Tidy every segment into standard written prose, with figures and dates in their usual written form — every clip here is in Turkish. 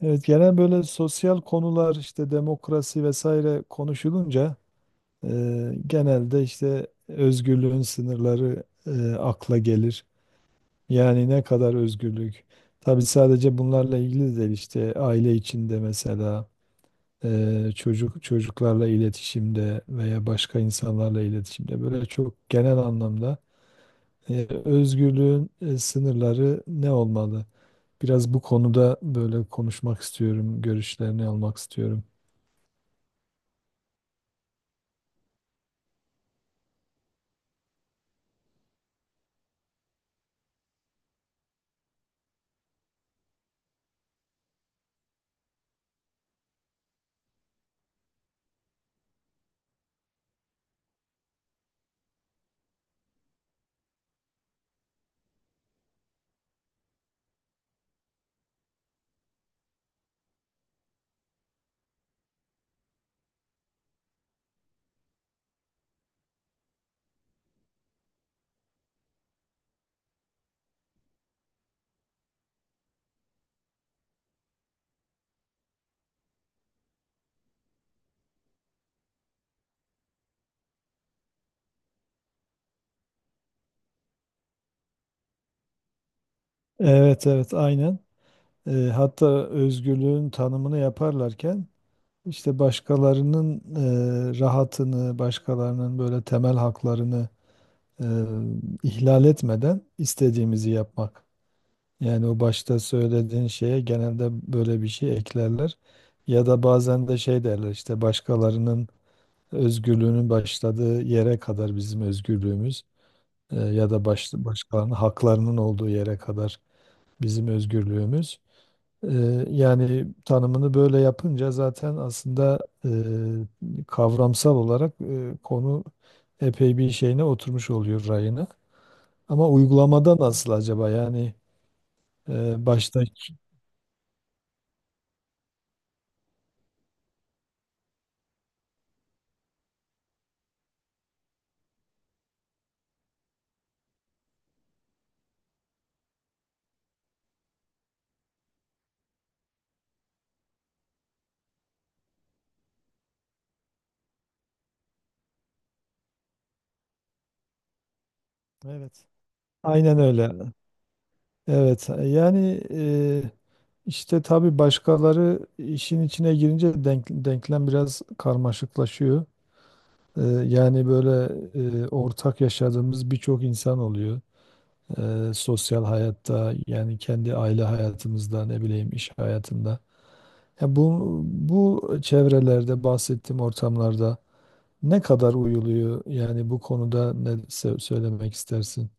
Evet, genel böyle sosyal konular işte demokrasi vesaire konuşulunca e, genelde işte özgürlüğün sınırları akla gelir. Yani ne kadar özgürlük? Tabii sadece bunlarla ilgili de değil işte aile içinde mesela çocuklarla iletişimde veya başka insanlarla iletişimde böyle çok genel anlamda özgürlüğün sınırları ne olmalı? Biraz bu konuda böyle konuşmak istiyorum, görüşlerini almak istiyorum. Evet, evet, aynen. Hatta özgürlüğün tanımını yaparlarken işte başkalarının rahatını, başkalarının böyle temel haklarını e, ihlal etmeden istediğimizi yapmak. Yani o başta söylediğin şeye genelde böyle bir şey eklerler. Ya da bazen de şey derler işte başkalarının özgürlüğünün başladığı yere kadar bizim özgürlüğümüz, ya da başkalarının haklarının olduğu yere kadar bizim özgürlüğümüz. Yani tanımını böyle yapınca zaten aslında eee, kavramsal olarak konu epey bir şeyine oturmuş oluyor rayına. Ama uygulamada nasıl acaba? Yani başta. Evet, aynen öyle. Evet. Yani işte tabii başkaları işin içine girince denklem biraz karmaşıklaşıyor. Yani böyle ortak yaşadığımız birçok insan oluyor. Sosyal hayatta yani kendi aile hayatımızda ne bileyim iş hayatında. Ya bu çevrelerde bahsettiğim ortamlarda ne kadar uyuluyor yani bu konuda ne söylemek istersin?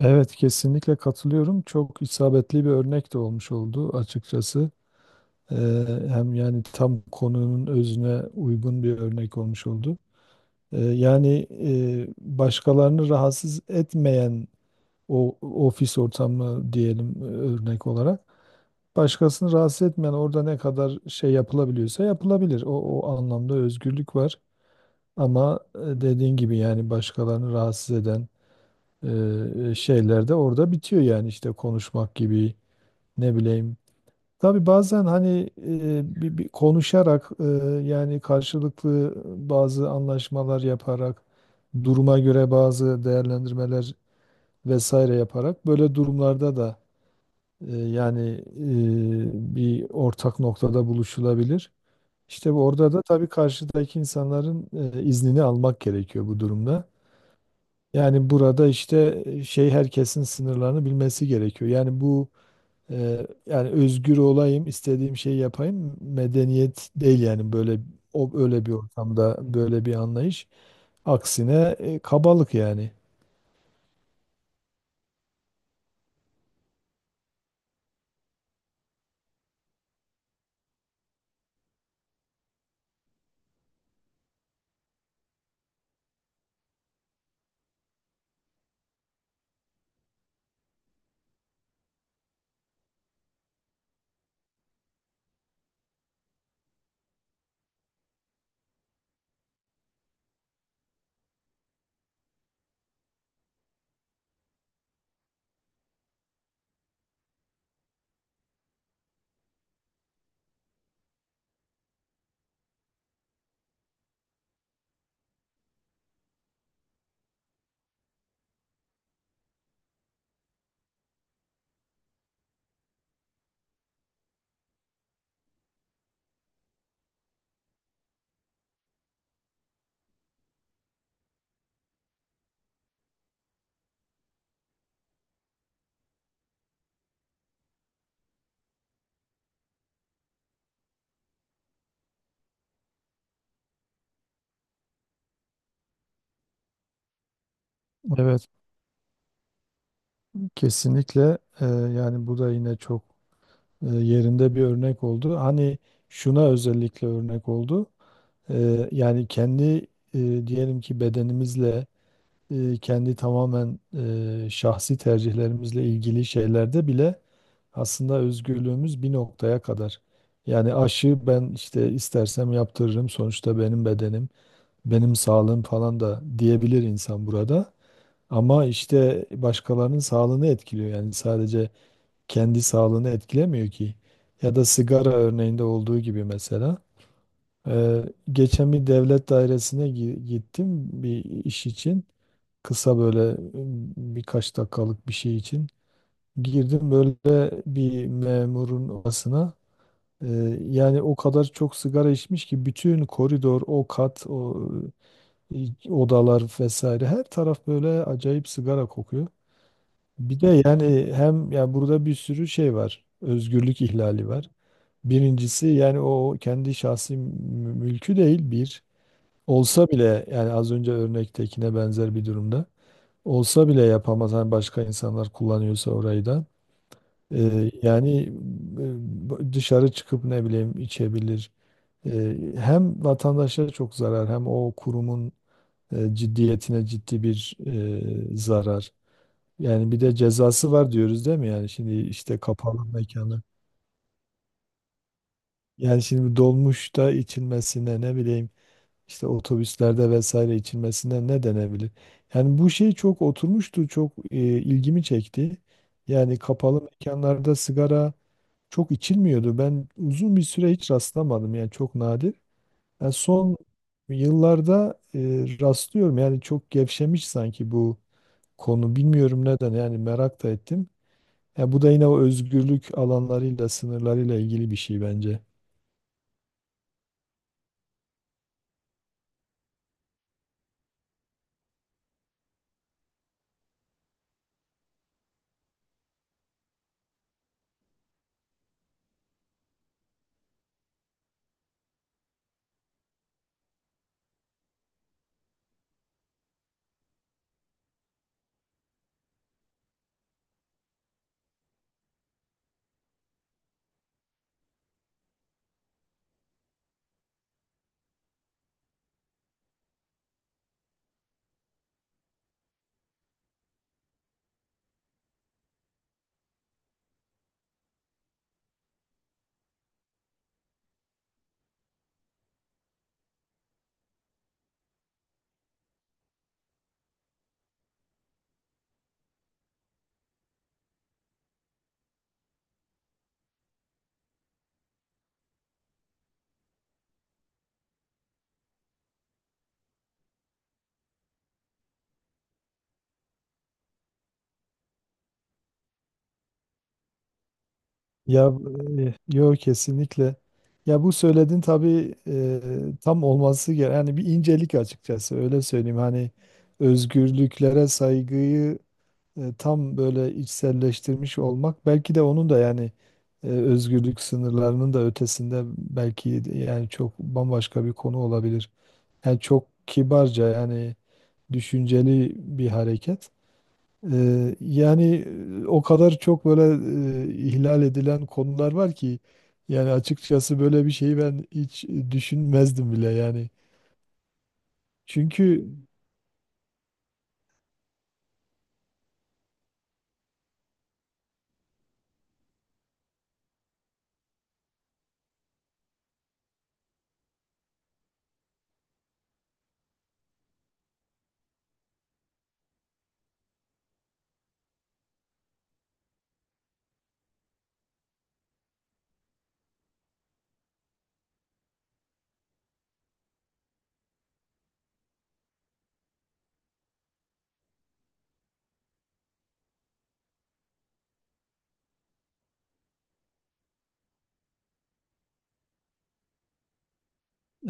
Evet, kesinlikle katılıyorum. Çok isabetli bir örnek de olmuş oldu açıkçası. Hem yani tam konunun özüne uygun bir örnek olmuş oldu. Yani başkalarını rahatsız etmeyen o ofis ortamı diyelim örnek olarak. Başkasını rahatsız etmeyen orada ne kadar şey yapılabiliyorsa yapılabilir. O, o anlamda özgürlük var. Ama dediğin gibi yani başkalarını rahatsız eden şeyler de orada bitiyor yani işte konuşmak gibi ne bileyim. Tabii bazen hani bir konuşarak, yani karşılıklı bazı anlaşmalar yaparak duruma göre bazı değerlendirmeler vesaire yaparak böyle durumlarda da yani bir ortak noktada buluşulabilir. İşte orada da tabii karşıdaki insanların iznini almak gerekiyor bu durumda. Yani burada işte şey, herkesin sınırlarını bilmesi gerekiyor. Yani bu yani özgür olayım, istediğim şeyi yapayım medeniyet değil yani böyle, o öyle bir ortamda böyle bir anlayış. Aksine kabalık yani. Evet. Kesinlikle, yani bu da yine çok yerinde bir örnek oldu. Hani şuna özellikle örnek oldu. Yani kendi diyelim ki bedenimizle, kendi tamamen şahsi tercihlerimizle ilgili şeylerde bile aslında özgürlüğümüz bir noktaya kadar. Yani aşı ben işte istersem yaptırırım sonuçta benim bedenim, benim sağlığım falan da diyebilir insan burada. Ama işte başkalarının sağlığını etkiliyor yani sadece kendi sağlığını etkilemiyor ki. Ya da sigara örneğinde olduğu gibi mesela. Ee, Geçen bir devlet dairesine gittim bir iş için. Kısa böyle birkaç dakikalık bir şey için. Girdim böyle bir memurun odasına. Yani o kadar çok sigara içmiş ki bütün koridor, o kat, o odalar vesaire her taraf böyle acayip sigara kokuyor. Bir de yani hem ya burada bir sürü şey var. Özgürlük ihlali var. Birincisi yani o kendi şahsi mülkü değil bir. Olsa bile yani az önce örnektekine benzer bir durumda. Olsa bile yapamaz. Hani başka insanlar kullanıyorsa orayı da. Yani dışarı çıkıp ne bileyim içebilir. Hem vatandaşa çok zarar hem o kurumun ciddiyetine ciddi bir zarar. Yani bir de cezası var diyoruz değil mi? Yani şimdi işte kapalı mekanı. Yani şimdi dolmuşta içilmesine ne bileyim işte otobüslerde vesaire içilmesine ne denebilir? Yani bu şey çok oturmuştu, çok ilgimi çekti. Yani kapalı mekanlarda sigara çok içilmiyordu. Ben uzun bir süre hiç rastlamadım yani çok nadir. Yani son yıllarda rastlıyorum yani çok gevşemiş sanki bu konu. Bilmiyorum neden yani merak da ettim. Ya bu da yine o özgürlük alanlarıyla, sınırlarıyla ilgili bir şey bence. Ya yok, kesinlikle. Ya bu söylediğin tabii tam olması gereken yani bir incelik, açıkçası öyle söyleyeyim. Hani özgürlüklere saygıyı tam böyle içselleştirmiş olmak belki de onun da yani özgürlük sınırlarının da ötesinde belki de yani çok bambaşka bir konu olabilir. Yani çok kibarca yani düşünceli bir hareket. Yani o kadar çok böyle ihlal edilen konular var ki yani açıkçası böyle bir şeyi ben hiç düşünmezdim bile yani. Çünkü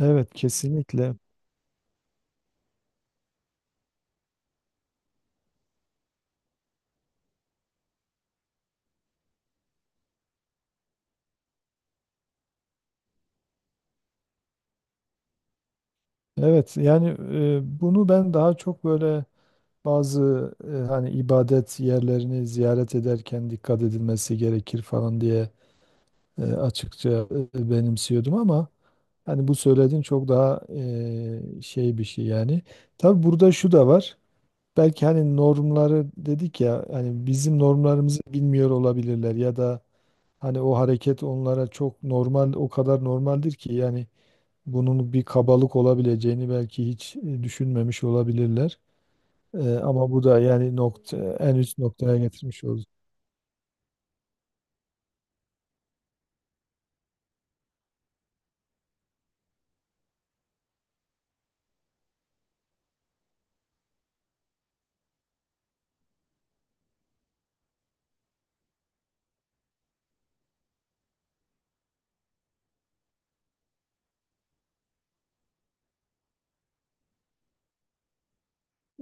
evet, kesinlikle. Evet yani bunu ben daha çok böyle bazı hani ibadet yerlerini ziyaret ederken dikkat edilmesi gerekir falan diye açıkça benimsiyordum, ama hani bu söylediğin çok daha şey bir şey yani. Tabii burada şu da var. Belki hani normları dedik ya, hani bizim normlarımızı bilmiyor olabilirler ya da hani o hareket onlara çok normal, o kadar normaldir ki yani bunun bir kabalık olabileceğini belki hiç düşünmemiş olabilirler. Ama bu da yani nokta en üst noktaya getirmiş oldu.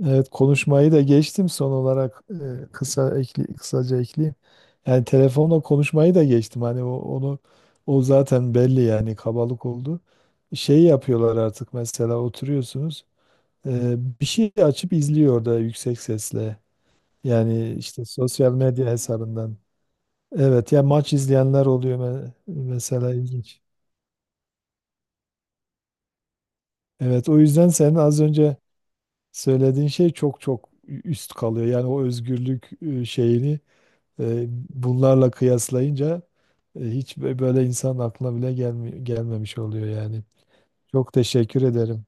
Evet, konuşmayı da geçtim son olarak kısaca ekleyeyim. Yani telefonla konuşmayı da geçtim. Hani onu, o zaten belli yani kabalık oldu. Şey yapıyorlar artık, mesela oturuyorsunuz, bir şey açıp izliyor orada yüksek sesle. Yani işte sosyal medya hesabından. Evet ya, maç izleyenler oluyor mesela, ilginç. Evet, o yüzden senin az önce söylediğin şey çok çok üst kalıyor. Yani o özgürlük şeyini, bunlarla kıyaslayınca hiç böyle insan aklına bile gelmemiş oluyor yani. Çok teşekkür ederim.